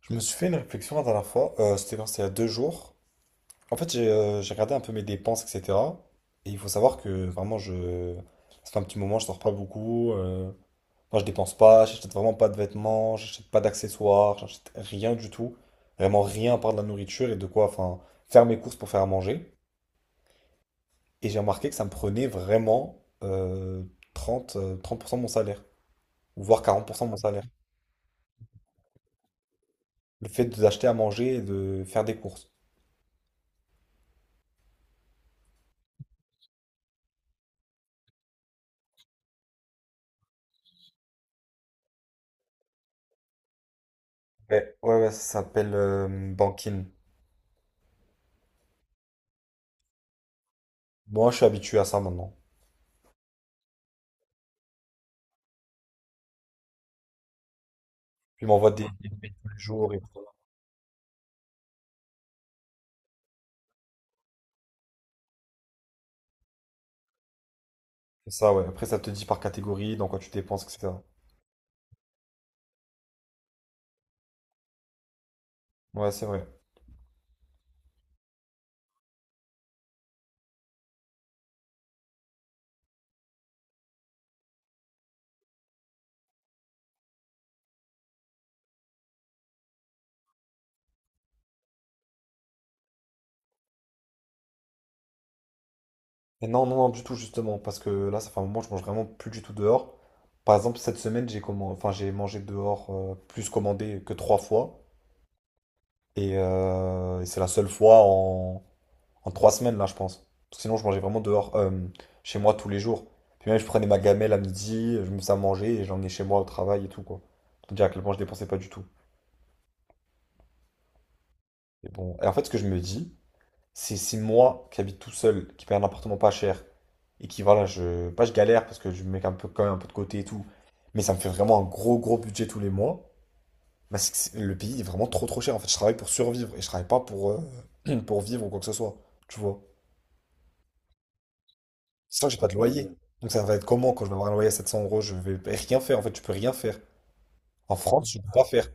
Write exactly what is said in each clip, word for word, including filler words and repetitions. Je me suis fait une réflexion la dernière fois, euh, c'était quand c'était il y a deux jours. En fait, j'ai euh, j'ai regardé un peu mes dépenses, et cetera. Et il faut savoir que vraiment, je... ça fait un petit moment, je sors pas beaucoup. euh, Moi, je dépense pas, j'achète vraiment pas de vêtements, j'achète pas d'accessoires, j'achète rien du tout. Vraiment rien à part de la nourriture et de quoi, enfin, faire mes courses pour faire à manger. Et j'ai remarqué que ça me prenait vraiment euh, trente euh, trente pour cent de mon salaire, ou voire quarante pour cent de mon salaire. Le fait d'acheter à manger et de faire des courses. Ouais, ouais, ouais, ça s'appelle euh, Bankin. Moi, je suis habitué à ça maintenant. Puis il m'envoie des, ok, des mails tous les jours et tout. C'est ça, ouais. Après, ça te dit par catégorie, dans quoi tu dépenses, et cetera. Ouais, c'est vrai. Et non, non, non, du tout, justement, parce que là, ça fait un moment, je mange vraiment plus du tout dehors. Par exemple, cette semaine, j'ai commandé, enfin, j'ai mangé dehors, euh, plus commandé que trois fois. Et, euh, et c'est la seule fois en, en trois semaines, là, je pense. Parce que sinon, je mangeais vraiment dehors, euh, chez moi tous les jours. Puis même, je prenais ma gamelle à midi, je me faisais à manger et j'emmenais chez moi au travail et tout, quoi. Pour te dire à quel point je dépensais pas du tout. Et bon, et en fait, ce que je me dis, c'est c'est moi qui habite tout seul, qui paye un appartement pas cher, et qui, voilà, je, pas je galère parce que je mets un peu, quand même un peu de côté et tout, mais ça me fait vraiment un gros, gros budget tous les mois. Bah, c'est que c'est- le pays est vraiment trop, trop cher. En fait, je travaille pour survivre et je travaille pas pour, euh, pour vivre ou quoi que ce soit, tu vois. Sinon, j'ai pas de loyer. Donc, ça va être comment quand je vais avoir un loyer à sept cents euros? Je vais rien faire. En fait, tu peux rien faire. En France, je peux pas faire.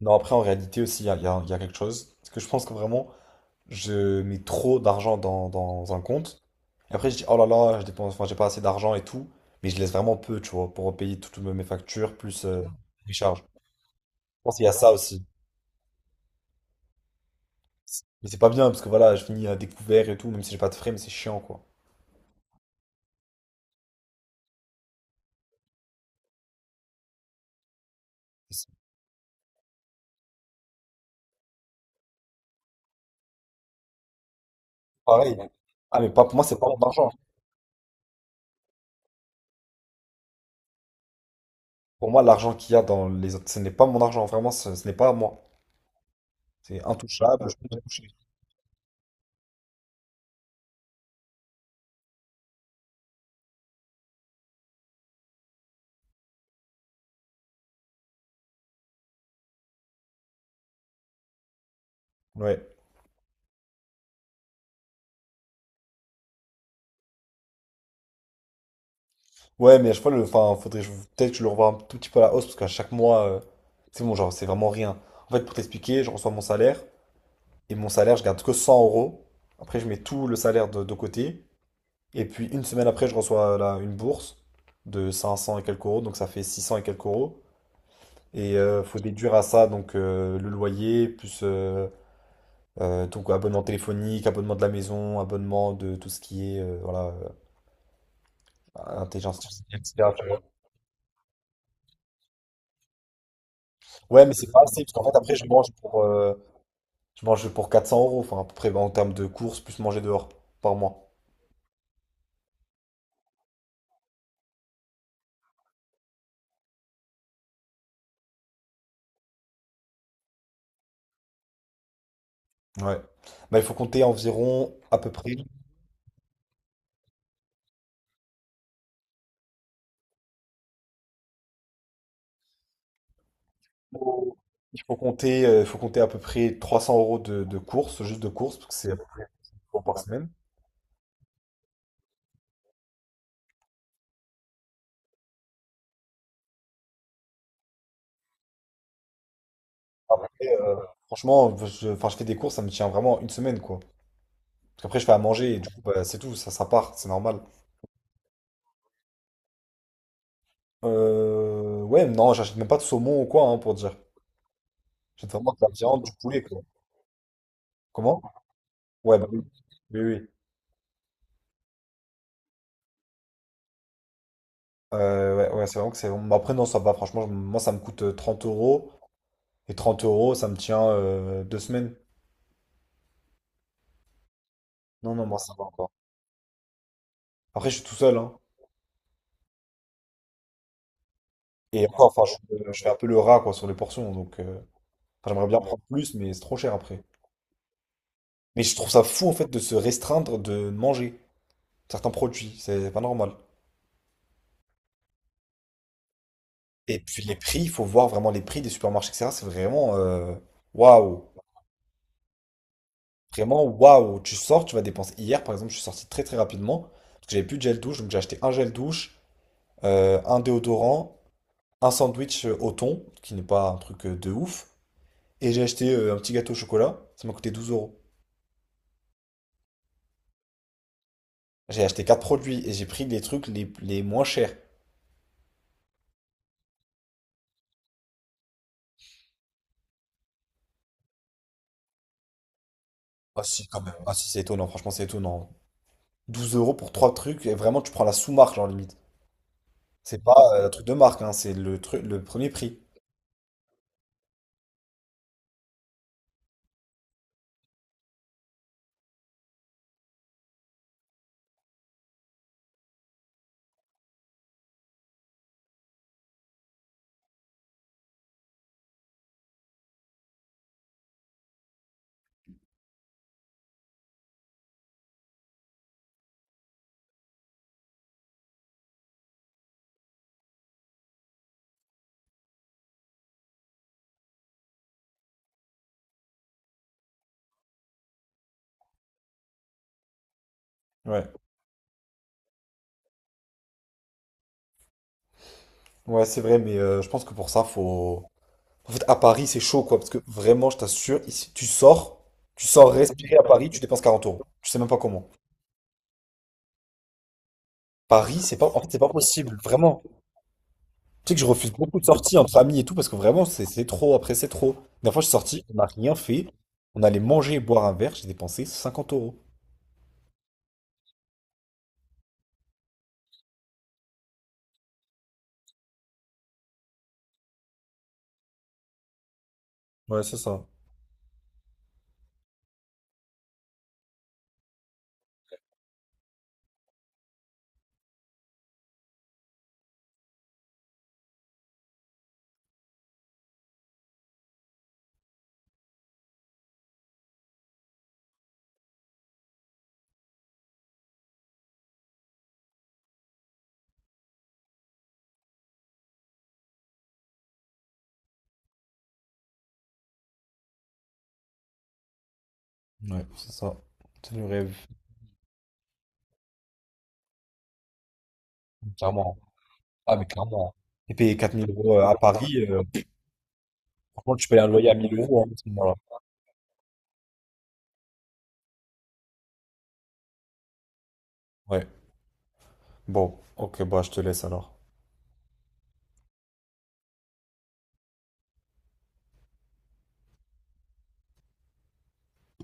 Non, après, en réalité aussi, il y a, il y a- il y a quelque chose. Parce que je pense que vraiment, je mets trop d'argent dans, dans un compte. Et après, je dis, oh là là, je dépense, enfin, j'ai pas assez d'argent et tout. Mais je laisse vraiment peu, tu vois, pour payer toutes mes factures plus euh, les charges. Je pense qu'il y a ça aussi. Mais c'est pas bien parce que voilà, je finis à découvert et tout, même si j'ai pas de frais, mais c'est chiant, quoi. Et c'est pareil. Ah, mais pas, pour moi, c'est pas mon argent. Pour moi, l'argent qu'il y a dans les autres, ce n'est pas mon argent, vraiment, ce, ce n'est pas à moi. C'est intouchable. Ouais. Ouais, mais à chaque fois, le, enfin, faudrait je- peut-être que je le revoie un tout petit peu à la hausse parce qu'à chaque mois, euh, c'est bon, genre, c'est vraiment rien. En fait, pour t'expliquer, je reçois mon salaire et mon salaire, je garde que cent euros. Après, je mets tout le salaire de, de côté. Et puis, une semaine après, je reçois euh, là, une bourse de cinq cents et quelques euros, donc ça fait six cents et quelques euros. Et euh, faut déduire à ça donc euh, le loyer, plus euh, euh, donc, abonnement téléphonique, abonnement de la maison, abonnement de tout ce qui est euh, voilà, euh, intelligence artificielle, et cetera. Ouais, mais c'est pas assez parce qu'en fait, après, je mange pour. euh, Je mange pour quatre cents euros, enfin, à peu près, bah, en termes de courses, plus manger dehors, par mois. Ouais. Bah, il faut compter environ, à peu près, il faut compter, euh, il faut compter à peu près trois cents euros de, de courses, juste de courses, parce que c'est à peu près cinq euros par semaine. Après, euh, franchement, je, enfin, je fais des courses, ça me tient vraiment une semaine, quoi. Parce qu'après, je fais à manger, et du coup, bah, c'est tout, ça, ça part, c'est normal. Euh, ouais, non, j'achète même pas de saumon ou quoi, hein, pour dire. J'achète vraiment de la viande, du poulet, quoi. Comment? Ouais, bah oui, oui, oui. Euh, ouais, ouais, c'est vraiment que c'est. Mais après, non, ça va, franchement, je- moi, ça me coûte euh, trente euros. Et trente euros, ça me tient euh, deux semaines. Non, non, moi, ça va encore. Après, je suis tout seul, hein. Et encore, enfin, je, je fais un peu le rat, quoi, sur les portions. Donc, euh, enfin, j'aimerais bien prendre plus, mais c'est trop cher après. Mais je trouve ça fou, en fait, de se restreindre de manger certains produits. C'est pas normal. Et puis, les prix, il faut voir vraiment les prix des supermarchés, et cetera. C'est vraiment. Euh, Waouh! Vraiment, waouh! Tu sors, tu vas dépenser. Hier, par exemple, je suis sorti très, très rapidement. Parce que j'avais plus de gel douche, donc j'ai acheté un gel douche. euh, un déodorant, un sandwich euh, au thon, qui n'est pas un truc euh, de ouf, et j'ai acheté euh, un petit gâteau au chocolat, ça m'a coûté douze euros. J'ai acheté quatre produits et j'ai pris les trucs les, les moins chers. Ah si, quand même. Ah si, c'est étonnant, franchement, c'est étonnant. Douze euros pour trois trucs, et vraiment, tu prends la sous-marque, genre limite. C'est pas euh, un truc de marque, hein, c'est le, truc le premier prix. Ouais. Ouais, c'est vrai, mais euh, je pense que pour ça, faut. En fait, à Paris, c'est chaud, quoi. Parce que vraiment, je t'assure, ici, tu sors, tu sors, respirer à Paris, tu dépenses quarante euros. Je sais même pas comment. Paris, c'est pas. En fait, c'est pas possible, vraiment. Tu sais que je refuse beaucoup de sorties entre amis et tout, parce que vraiment, c'est c'est trop. Après, c'est trop. La dernière fois, je suis sorti, on n'a rien fait. On allait manger et boire un verre, j'ai dépensé cinquante euros. Ouais, c'est ça. Ouais, c'est ça. C'est le rêve, clairement. Ah, mais clairement. Et payer quatre mille euros euh, à Paris, euh, franchement, tu payes un loyer à mille euros hein, à ce moment-là. Ouais. Bon, ok, bah je te laisse alors.